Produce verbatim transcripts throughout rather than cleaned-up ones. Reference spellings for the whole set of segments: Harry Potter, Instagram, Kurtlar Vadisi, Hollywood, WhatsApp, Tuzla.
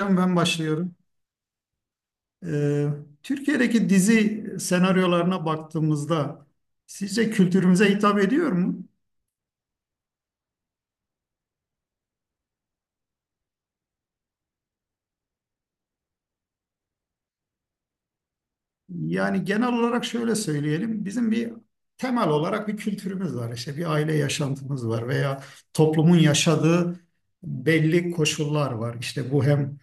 Ben başlıyorum. Ee, Türkiye'deki dizi senaryolarına baktığımızda sizce kültürümüze hitap ediyor mu? Yani genel olarak şöyle söyleyelim. Bizim bir temel olarak bir kültürümüz var. İşte bir aile yaşantımız var veya toplumun yaşadığı belli koşullar var. İşte bu hem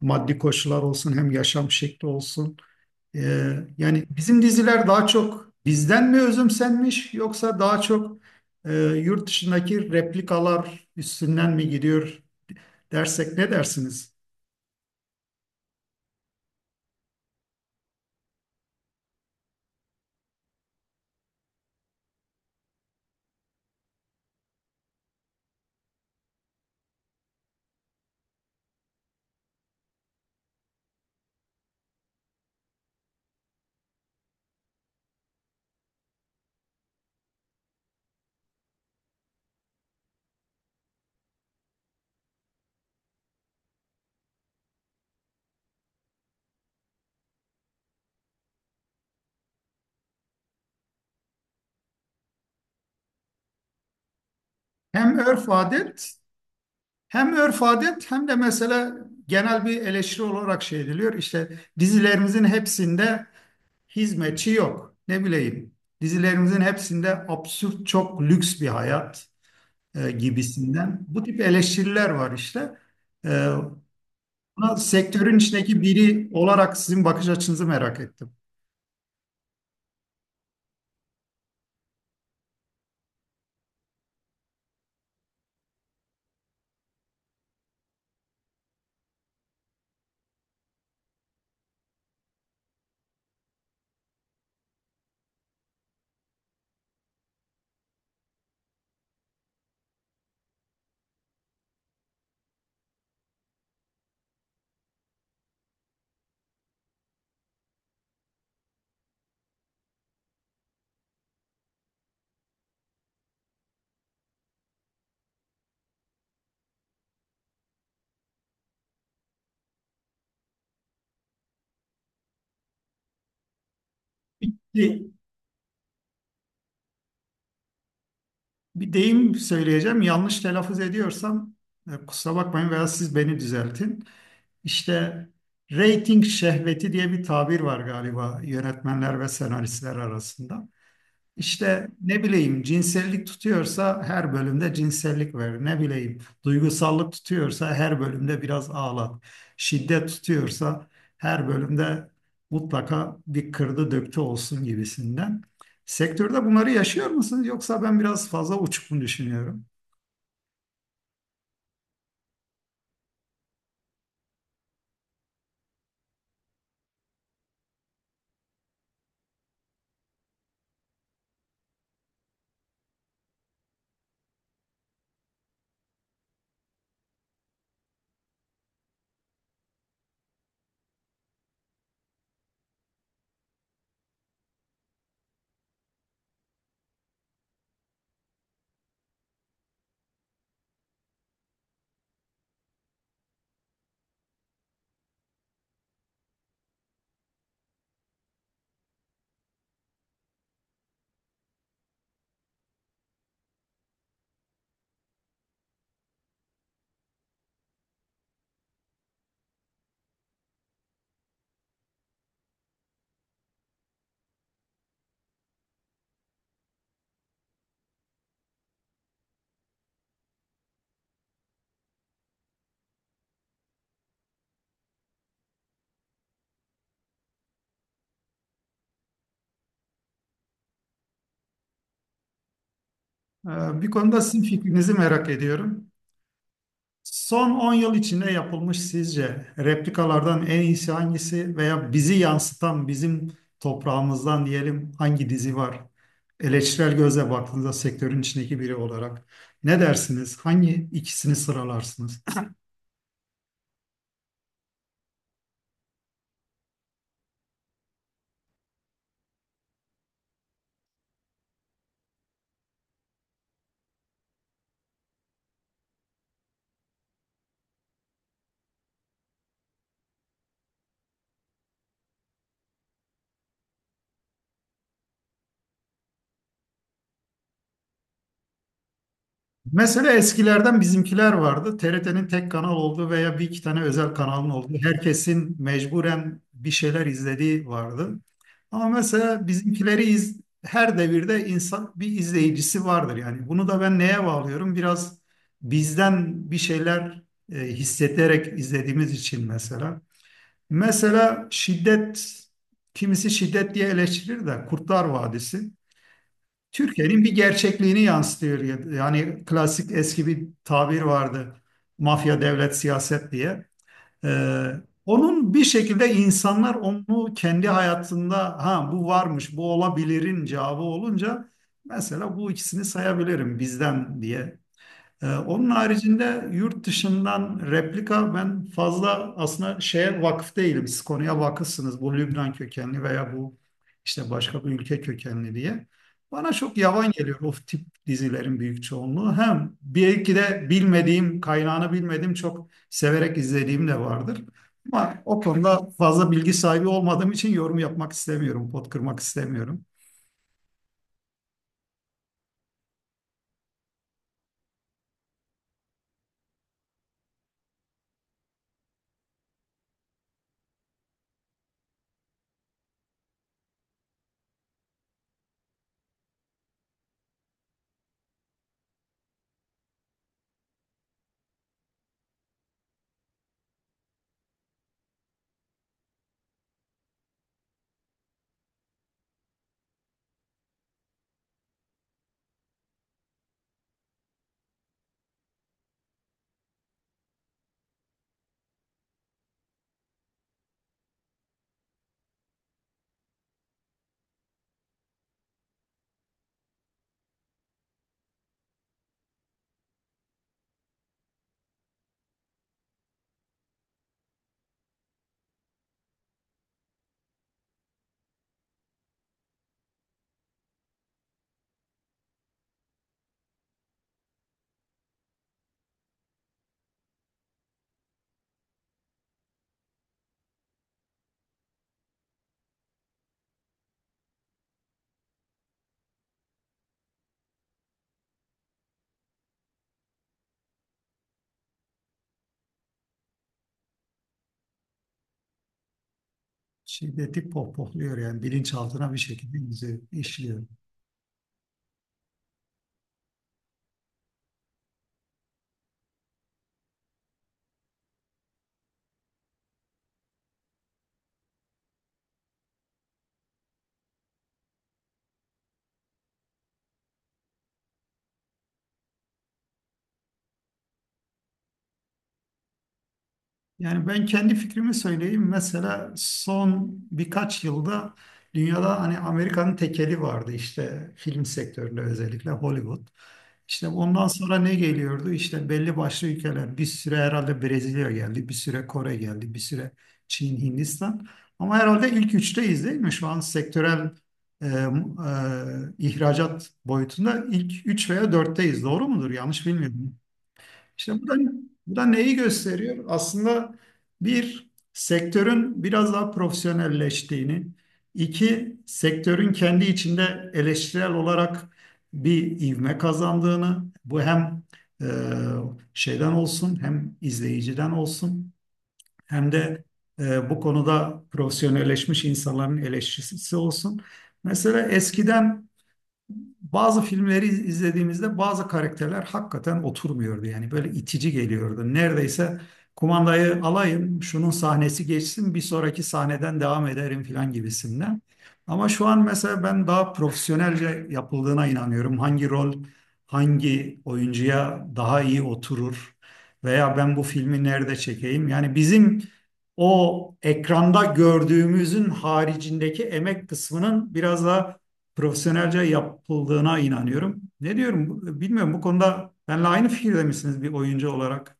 maddi koşullar olsun hem yaşam şekli olsun. Ee, yani bizim diziler daha çok bizden mi özümsenmiş yoksa daha çok e, yurt dışındaki replikalar üstünden mi gidiyor dersek ne dersiniz? Hem örf adet hem örf adet hem de mesela genel bir eleştiri olarak şey ediliyor. İşte dizilerimizin hepsinde hizmetçi yok. Ne bileyim dizilerimizin hepsinde absürt çok lüks bir hayat e, gibisinden. Bu tip eleştiriler var işte. E, Buna sektörün içindeki biri olarak sizin bakış açınızı merak ettim. Bir, bir deyim söyleyeceğim. Yanlış telaffuz ediyorsam e, kusura bakmayın veya siz beni düzeltin. İşte rating şehveti diye bir tabir var galiba yönetmenler ve senaristler arasında. İşte ne bileyim cinsellik tutuyorsa her bölümde cinsellik ver. Ne bileyim duygusallık tutuyorsa her bölümde biraz ağlat. Şiddet tutuyorsa her bölümde mutlaka bir kırdı döktü olsun gibisinden. Sektörde bunları yaşıyor musunuz yoksa ben biraz fazla uçuk mu düşünüyorum? Ee, Bir konuda sizin fikrinizi merak ediyorum. Son on yıl içinde yapılmış sizce replikalardan en iyisi hangisi veya bizi yansıtan bizim toprağımızdan diyelim hangi dizi var? Eleştirel gözle baktığınızda sektörün içindeki biri olarak ne dersiniz? Hangi ikisini sıralarsınız? Mesela eskilerden bizimkiler vardı. T R T'nin tek kanal olduğu veya bir iki tane özel kanalın olduğu. Herkesin mecburen bir şeyler izlediği vardı. Ama mesela bizimkileri iz- her devirde insan bir izleyicisi vardır yani. Bunu da ben neye bağlıyorum? Biraz bizden bir şeyler e, hissederek izlediğimiz için mesela. Mesela şiddet, kimisi şiddet diye eleştirir de Kurtlar Vadisi. Türkiye'nin bir gerçekliğini yansıtıyor. Yani klasik eski bir tabir vardı. Mafya, devlet, siyaset diye. Ee, onun bir şekilde insanlar onu kendi hayatında ha bu varmış, bu olabilirin cevabı olunca mesela bu ikisini sayabilirim bizden diye ee, onun haricinde yurt dışından replika ben fazla aslında şeye vakıf değilim. Siz konuya vakıfsınız. Bu Lübnan kökenli veya bu işte başka bir ülke kökenli diye. Bana çok yavan geliyor o tip dizilerin büyük çoğunluğu. Hem belki de bilmediğim, kaynağını bilmediğim çok severek izlediğim de vardır. Ama o konuda fazla bilgi sahibi olmadığım için yorum yapmak istemiyorum, pot kırmak istemiyorum. Şiddeti pohpohluyor yani bilinçaltına bir şekilde bizi işliyor. Yani ben kendi fikrimi söyleyeyim. Mesela son birkaç yılda dünyada hani Amerika'nın tekeli vardı işte film sektöründe özellikle Hollywood. İşte ondan sonra ne geliyordu? İşte belli başlı ülkeler. Bir süre herhalde Brezilya geldi, bir süre Kore geldi, bir süre Çin, Hindistan. Ama herhalde ilk üçteyiz değil mi? Şu an sektörel e, e, ihracat boyutunda ilk üç veya dörtteyiz. Doğru mudur? Yanlış bilmiyorum. İşte bu da, bu da neyi gösteriyor? Aslında bir, sektörün biraz daha profesyonelleştiğini, iki, sektörün kendi içinde eleştirel olarak bir ivme kazandığını, bu hem e, şeyden olsun, hem izleyiciden olsun, hem de e, bu konuda profesyonelleşmiş insanların eleştirisi olsun. Mesela eskiden bazı filmleri iz- izlediğimizde bazı karakterler hakikaten oturmuyordu. Yani böyle itici geliyordu. Neredeyse kumandayı alayım, şunun sahnesi geçsin, bir sonraki sahneden devam ederim filan gibisinden. Ama şu an mesela ben daha profesyonelce yapıldığına inanıyorum. Hangi rol hangi oyuncuya daha iyi oturur veya ben bu filmi nerede çekeyim? Yani bizim o ekranda gördüğümüzün haricindeki emek kısmının biraz daha profesyonelce yapıldığına inanıyorum. Ne diyorum bu- bilmiyorum, bu konuda benimle aynı fikirde misiniz bir oyuncu olarak?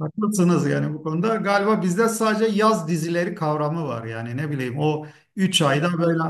Haklısınız yani bu konuda galiba bizde sadece yaz dizileri kavramı var yani ne bileyim o üç ayda böyle.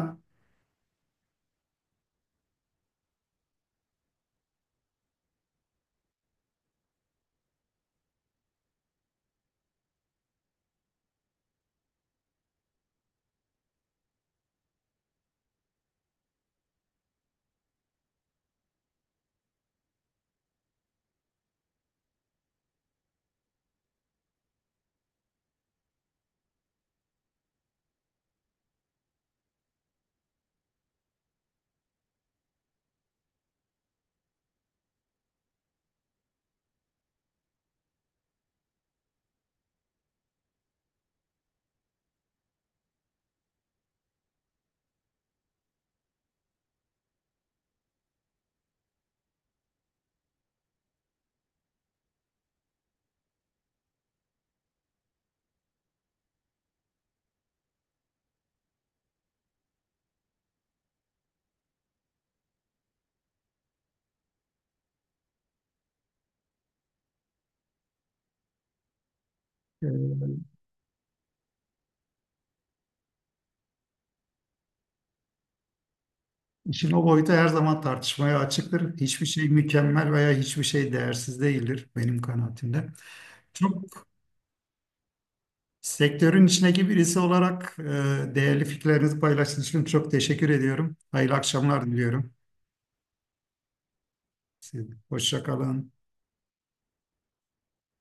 e, işin o boyutu her zaman tartışmaya açıktır. Hiçbir şey mükemmel veya hiçbir şey değersiz değildir benim kanaatimde. Çok sektörün içindeki birisi olarak e, değerli fikirlerinizi paylaştığınız için çok teşekkür ediyorum. Hayırlı akşamlar diliyorum. Siz- Hoşça kalın.